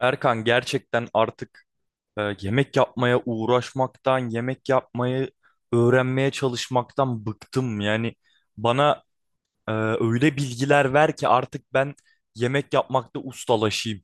Erkan, gerçekten artık yemek yapmaya uğraşmaktan, yemek yapmayı öğrenmeye çalışmaktan bıktım. Yani bana öyle bilgiler ver ki artık ben yemek yapmakta ustalaşayım.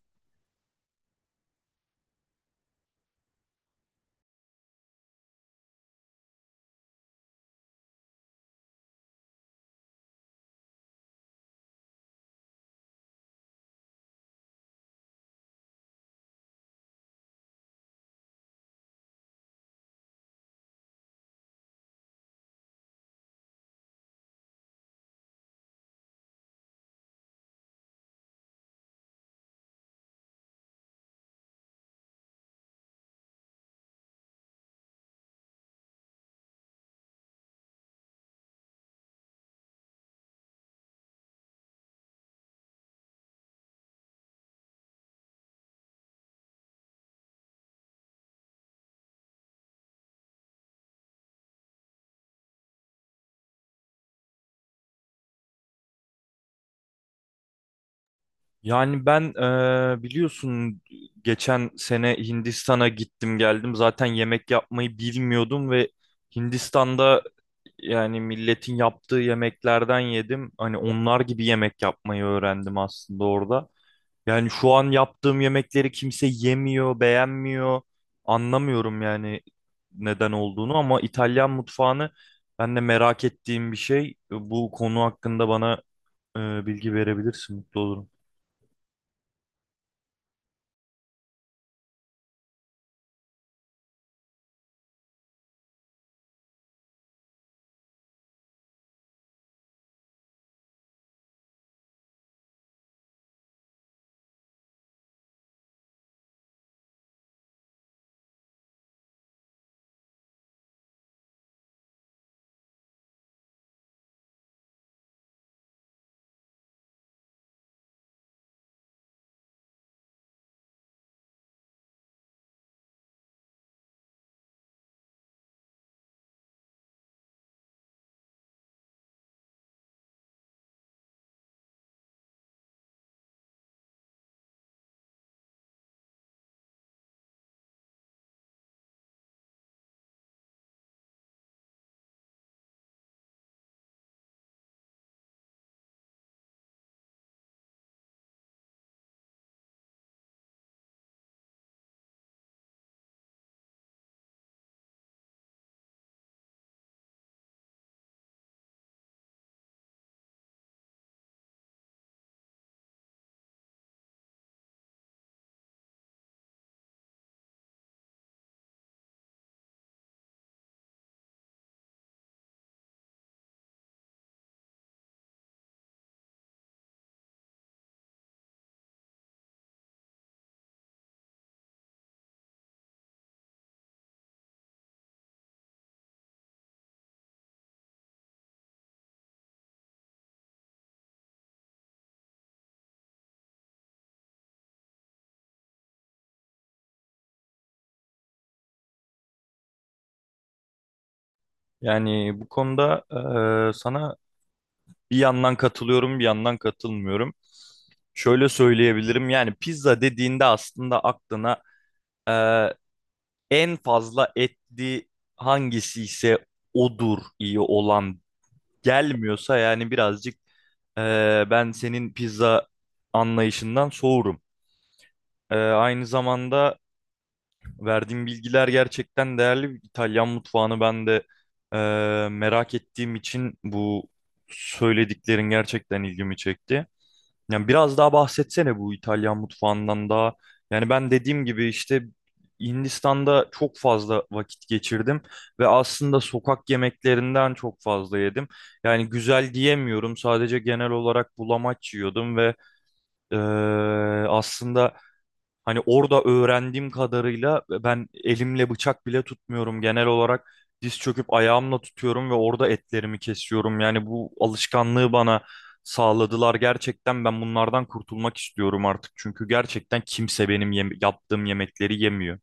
Yani ben biliyorsun, geçen sene Hindistan'a gittim geldim. Zaten yemek yapmayı bilmiyordum ve Hindistan'da yani milletin yaptığı yemeklerden yedim. Hani onlar gibi yemek yapmayı öğrendim aslında orada. Yani şu an yaptığım yemekleri kimse yemiyor, beğenmiyor. Anlamıyorum yani neden olduğunu, ama İtalyan mutfağını ben de merak ettiğim bir şey. Bu konu hakkında bana bilgi verebilirsin, mutlu olurum. Yani bu konuda sana bir yandan katılıyorum, bir yandan katılmıyorum. Şöyle söyleyebilirim: yani pizza dediğinde aslında aklına e, en fazla etli hangisi ise odur iyi olan, gelmiyorsa yani birazcık ben senin pizza anlayışından soğurum. Aynı zamanda verdiğin bilgiler gerçekten değerli. İtalyan mutfağını ben de merak ettiğim için bu söylediklerin gerçekten ilgimi çekti. Yani biraz daha bahsetsene bu İtalyan mutfağından da. Yani ben dediğim gibi işte Hindistan'da çok fazla vakit geçirdim ve aslında sokak yemeklerinden çok fazla yedim. Yani güzel diyemiyorum. Sadece genel olarak bulamaç yiyordum ve eee, aslında hani orada öğrendiğim kadarıyla ben elimle bıçak bile tutmuyorum. Genel olarak diz çöküp ayağımla tutuyorum ve orada etlerimi kesiyorum. Yani bu alışkanlığı bana sağladılar. Gerçekten ben bunlardan kurtulmak istiyorum artık. Çünkü gerçekten kimse benim yaptığım yemekleri yemiyor.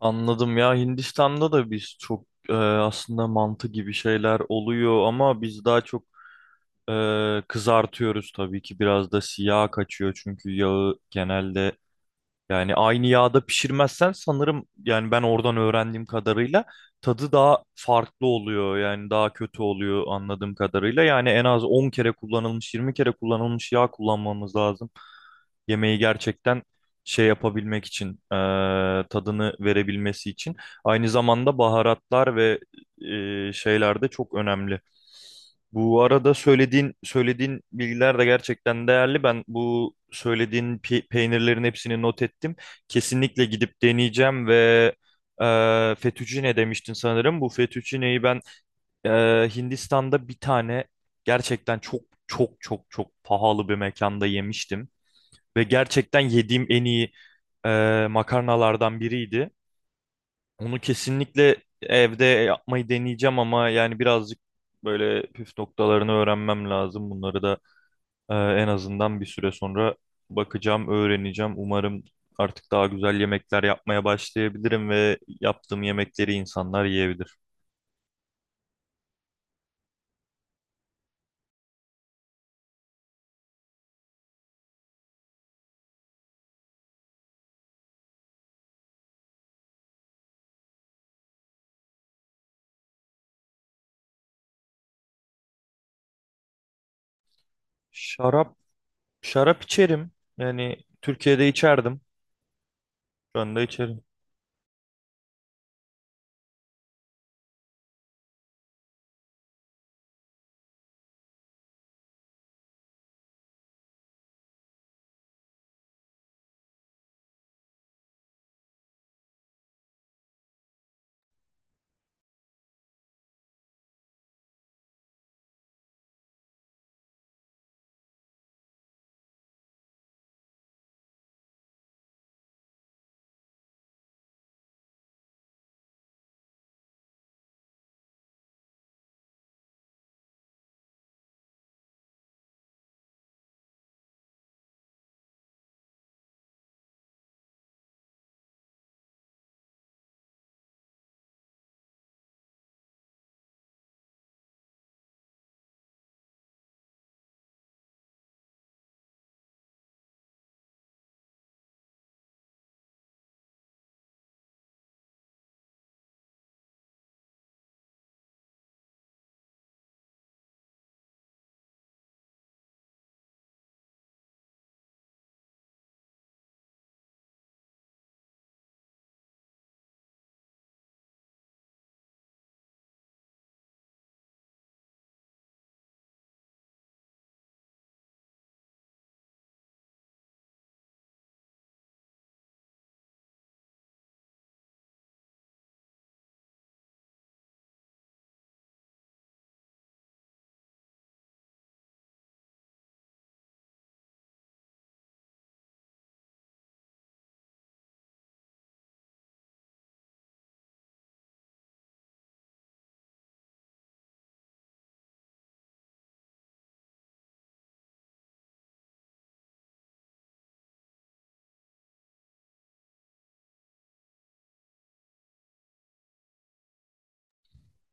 Anladım ya, Hindistan'da da biz çok aslında mantı gibi şeyler oluyor, ama biz daha çok kızartıyoruz tabii ki, biraz da siyah kaçıyor çünkü yağı genelde, yani aynı yağda pişirmezsen sanırım, yani ben oradan öğrendiğim kadarıyla tadı daha farklı oluyor. Yani daha kötü oluyor anladığım kadarıyla. Yani en az 10 kere kullanılmış, 20 kere kullanılmış yağ kullanmamız lazım yemeği gerçekten şey yapabilmek için, tadını verebilmesi için. Aynı zamanda baharatlar ve şeyler de çok önemli. Bu arada söylediğin bilgiler de gerçekten değerli. Ben bu söylediğin peynirlerin hepsini not ettim. Kesinlikle gidip deneyeceğim ve fettuccine demiştin sanırım. Bu fettuccineyi ben e, Hindistan'da bir tane gerçekten çok çok pahalı bir mekanda yemiştim. Ve gerçekten yediğim en iyi makarnalardan biriydi. Onu kesinlikle evde yapmayı deneyeceğim, ama yani birazcık böyle püf noktalarını öğrenmem lazım. Bunları da en azından bir süre sonra bakacağım, öğreneceğim. Umarım artık daha güzel yemekler yapmaya başlayabilirim ve yaptığım yemekleri insanlar yiyebilir. Şarap, şarap içerim. Yani Türkiye'de içerdim. Şu anda içerim.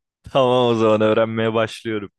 Tamam, o zaman öğrenmeye başlıyorum.